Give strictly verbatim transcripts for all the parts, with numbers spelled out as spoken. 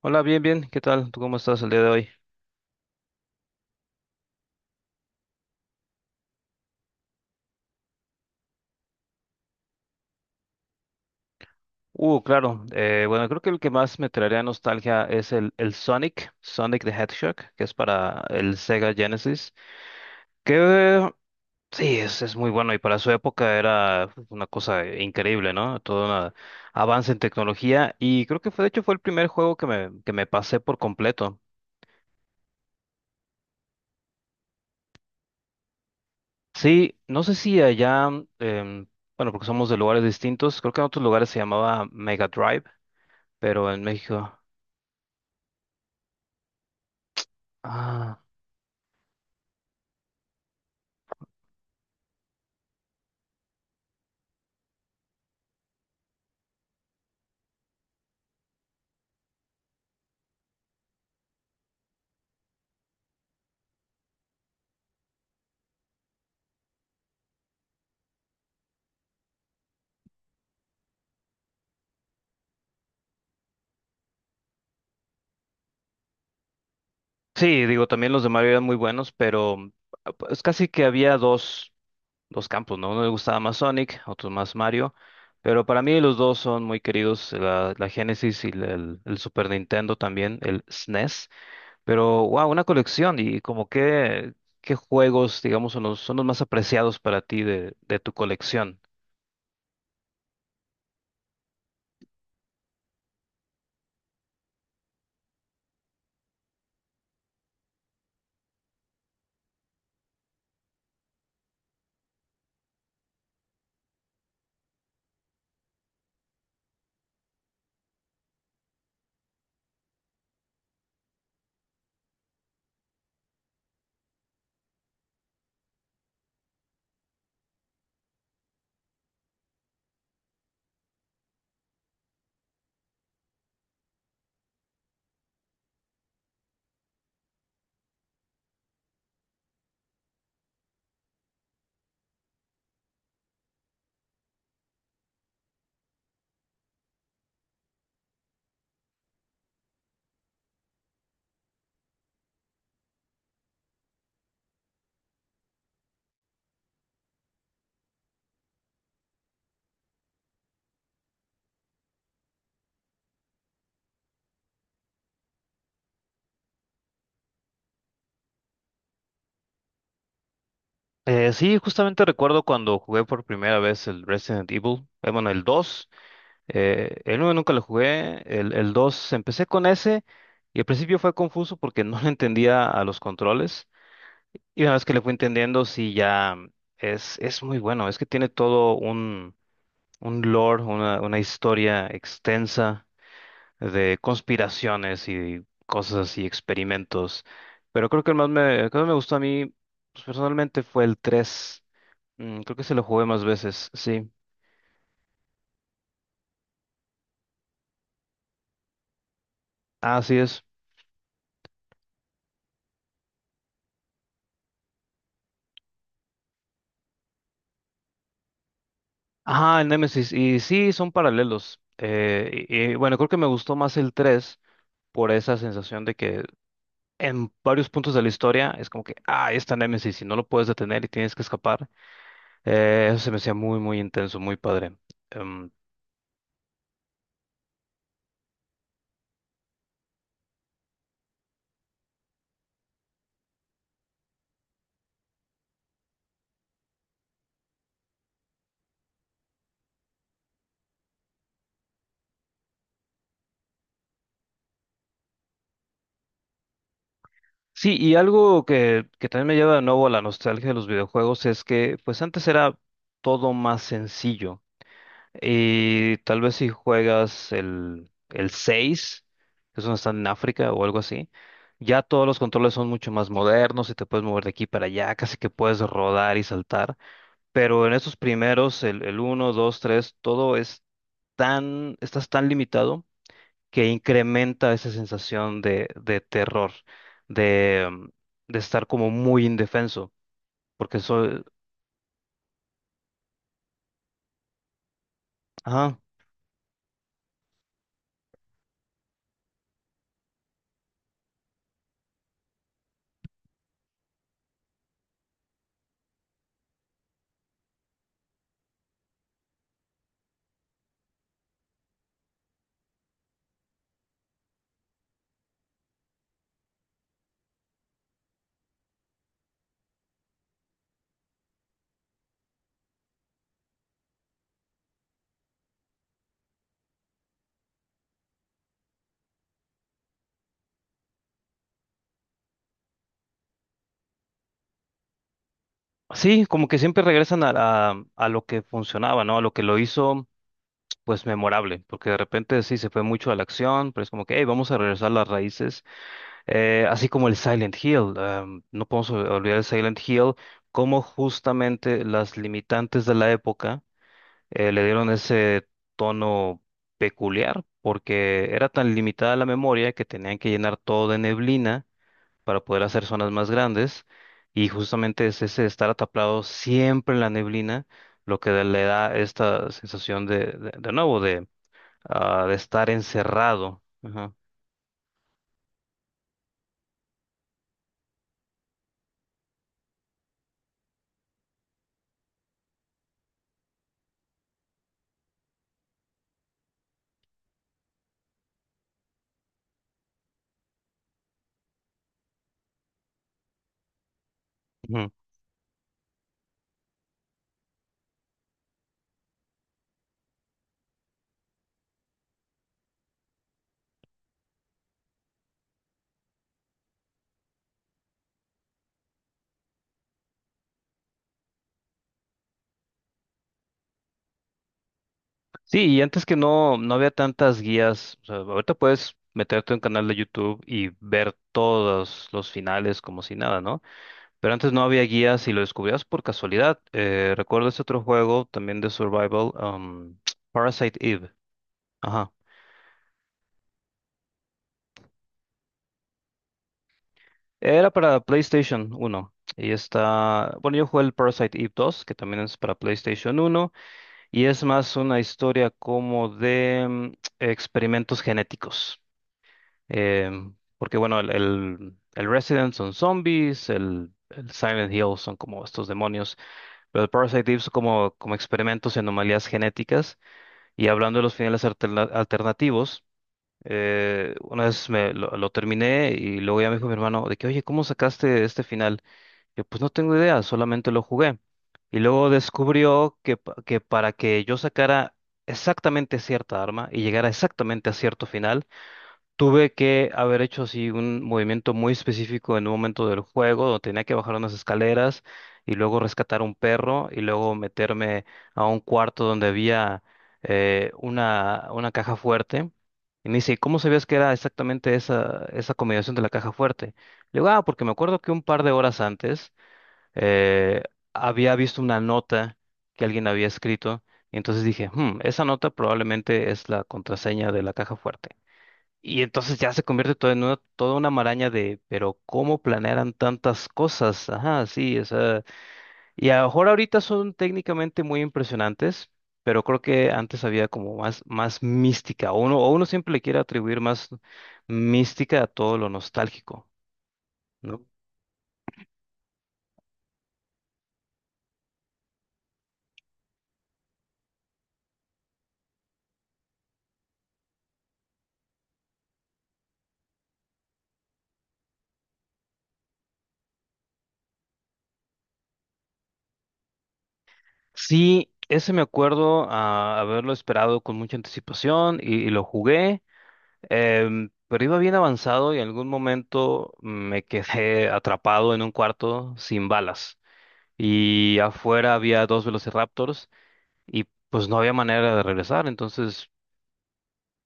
Hola, bien, bien, ¿qué tal? ¿Tú cómo estás el día de hoy? Uh, claro, eh, bueno, creo que el que más me traería nostalgia es el, el Sonic, Sonic the Hedgehog, que es para el Sega Genesis, que sí, es, es muy bueno y para su época era una cosa increíble, ¿no? Todo un avance en tecnología y creo que fue, de hecho, fue el primer juego que me, que me pasé por completo. Sí, no sé si allá, em, bueno, porque somos de lugares distintos, creo que en otros lugares se llamaba Mega Drive, pero en México... Ah. Sí, digo, también los de Mario eran muy buenos, pero mm, es casi que había dos, dos campos, ¿no? Uno le gustaba más Sonic, otro más Mario, pero para mí los dos son muy queridos, la, la Genesis y la- el, el Super Nintendo también, el S N E S, pero wow, una colección y como que, qué juegos, digamos, son los, son los más apreciados para ti de, de tu colección. Eh, sí, justamente recuerdo cuando jugué por primera vez el Resident Evil, eh, bueno, el dos. Eh, el uno nunca lo jugué, el, el dos empecé con ese y al principio fue confuso porque no le entendía a los controles y una vez que le fui entendiendo, sí, ya mm, es, es muy bueno, es que tiene todo un, un lore, una, una historia extensa de conspiraciones y cosas así, experimentos, pero creo que el más me, el que más me gustó a mí, pues, personalmente fue el tres. Mm, creo que se lo jugué más veces, sí. Así es. Ajá, el Nemesis. Y sí, son paralelos. Eh, y, y, bueno, creo que me gustó más el tres por esa sensación de que en varios puntos de la historia es como que, ah, ahí está Nemesis y no lo puedes detener y tienes que escapar. Eh, eso se me hacía muy, muy intenso, muy padre. Em, sí, y algo que, que también me lleva de nuevo a la nostalgia de los videojuegos es que pues antes era todo más sencillo. Y tal vez si juegas el, el seis, que es donde están en África o algo así, ya todos los controles son mucho más modernos y te puedes mover de aquí para allá, casi que puedes rodar y saltar. Pero en esos primeros, el, el uno, dos, tres, todo es tan, estás tan limitado que incrementa esa sensación de, de terror, de, mm, de estar como muy indefenso, porque eso, ajá. Sí, como que siempre regresan a, a, a lo que funcionaba, ¿no? A lo que lo hizo pues memorable, porque de repente sí se fue mucho a la acción, pero es como que, hey, vamos a regresar a las raíces. Eh, así como el Silent Hill, em, no podemos ol- olvidar el Silent Hill, cómo justamente las limitantes de la época eh, le dieron ese tono peculiar, porque era tan limitada la memoria que tenían que llenar todo de neblina para poder hacer zonas más grandes, y justamente es ese estar ataplado siempre en la neblina lo que le da esta sensación de, de de nuevo, ah, de estar encerrado. Ajá. Ujú. Sí, y antes que no, no había tantas guías. O sea, ahorita puedes meterte en un canal de YouTube y ver todos los finales como si nada, ¿no? Pero antes no había guías y lo descubrías por casualidad. Eh, recuerdo ese otro juego también de survival, um, Parasite Eve. Ajá. Era para PlayStation uno. Y está, bueno, yo jugué el Parasite Eve dos, que también es para PlayStation uno. Y es más una historia como de mm, experimentos genéticos. Em, porque bueno, el, el, el Resident son zombies, el, el Silent Hill son como estos demonios, pero el Parasite Eve son como, como experimentos y anomalías genéticas. Y hablando de los finales alterna- alternativos, eh, una vez me, lo, lo terminé y luego ya me dijo mi hermano de que, oye, ¿cómo sacaste este final? Yo pues no tengo idea, solamente lo jugué. Y luego descubrió que, pa- que para que yo sacara exactamente cierta arma y llegara exactamente a cierto final, tuve que haber hecho así un movimiento muy específico en un momento del juego, donde tenía que bajar unas escaleras y luego rescatar un perro y luego meterme a un cuarto donde había eh, una, una caja fuerte. Y me dice, "¿Y cómo sabías que era exactamente esa, esa combinación de la caja fuerte?" Le digo, ah, porque me acuerdo que un par de horas antes eh, había visto una nota que alguien había escrito, y entonces dije, "Hmm, esa nota probablemente es la contraseña de la caja fuerte." Y entonces ya se convierte todo en una, toda una maraña de, pero ¿cómo planearan tantas cosas? Ajá, sí, o sea, y a lo mejor ahorita son técnicamente muy impresionantes, pero creo que antes había como más, más mística, o uno, o uno siempre le quiere atribuir más mística a todo lo nostálgico, ¿no? Sí, ese me acuerdo ah, haberlo esperado con mucha anticipación y, y lo jugué, em, pero iba bien avanzado y en algún momento me quedé atrapado en un cuarto sin balas y afuera había dos velociraptors y pues no había manera de regresar, entonces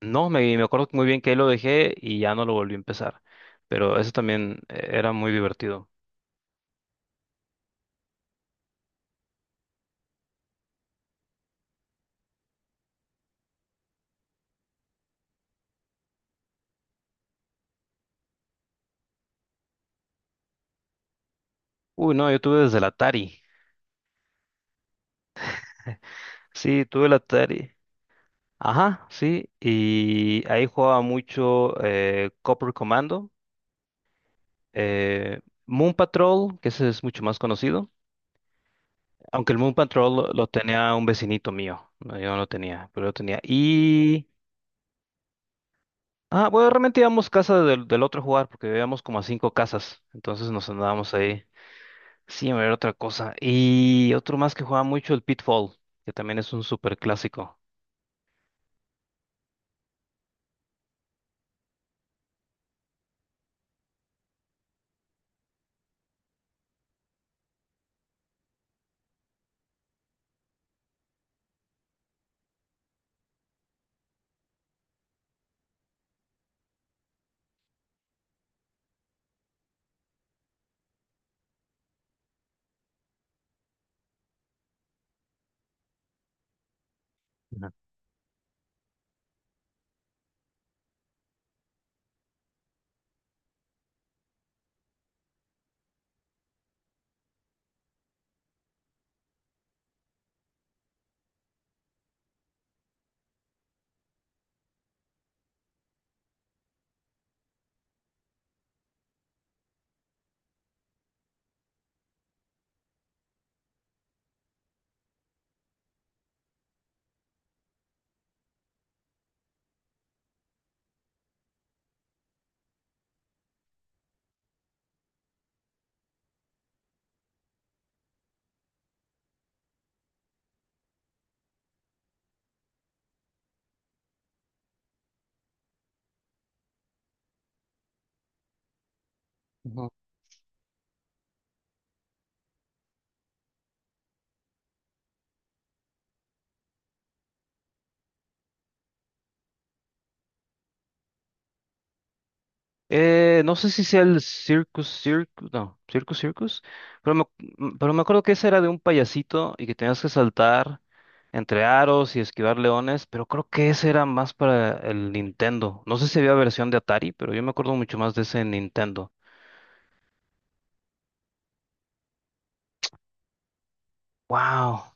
no, me, me acuerdo muy bien que ahí lo dejé y ya no lo volví a empezar, pero eso también eh, era muy divertido. Uy, no, yo tuve desde el Atari, sí, tuve el Atari. Ajá, sí, y ahí jugaba mucho eh, Copper Commando, eh, Moon Patrol, que ese es mucho más conocido, aunque el Moon Patrol lo, lo tenía un vecinito mío, no, yo no lo tenía, pero lo tenía. Y, ah, bueno, realmente íbamos casa del, del otro a jugar, porque vivíamos como a cinco casas, entonces nos andábamos ahí. Sí, a ver otra cosa. Y otro más que jugaba mucho, el Pitfall, que también es un súper clásico. Eh, no sé si sea el Circus Circus, no, Circus Circus, pero me, mm, pero me acuerdo que ese era de un payasito y que tenías que saltar entre aros y esquivar leones, pero creo que ese era más para el Nintendo. No sé si había versión de Atari, pero yo me acuerdo mucho más de ese Nintendo. Wow.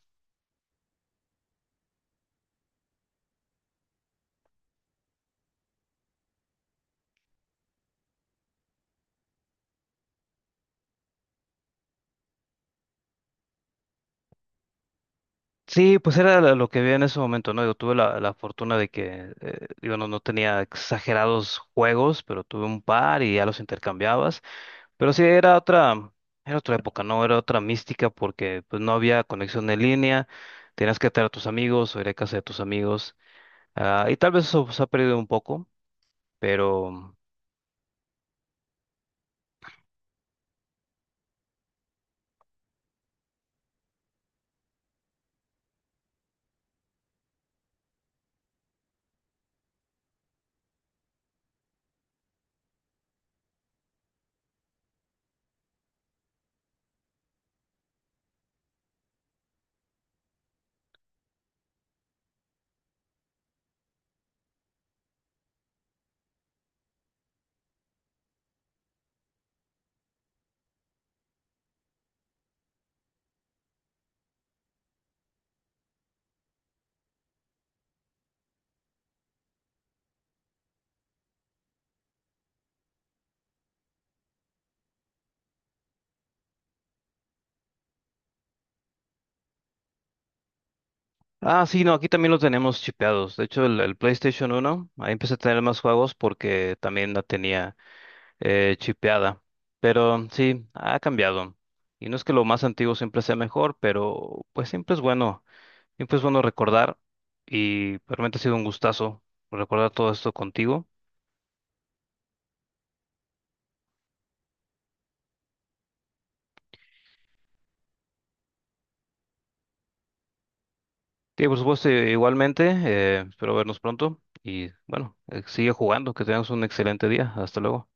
Sí, pues era lo lo que vi en ese momento, ¿no? Yo tuve la, la fortuna de que, eh, digo, no, no tenía exagerados juegos, pero tuve un par y ya los intercambiabas. Pero sí, era otra, era otra época, ¿no? Era otra mística porque pues no había conexión en línea, tenías que estar a tus amigos o ir a casa de tus amigos. Ah, y tal vez eso se ha perdido un poco, pero... Ah, sí, no, aquí también lo tenemos chipeados. De hecho, el, el PlayStation uno, ahí empecé a tener más juegos porque también la tenía eh, chipeada. Pero sí, ha cambiado. Y no es que lo más antiguo siempre sea mejor, pero pues siempre es bueno. Y pues bueno, recordar, y realmente ha sido un gustazo recordar todo esto contigo. Sí, por supuesto, eh, igualmente, eh, espero vernos pronto y bueno, eh, sigue jugando, que tengas un excelente día. Hasta luego.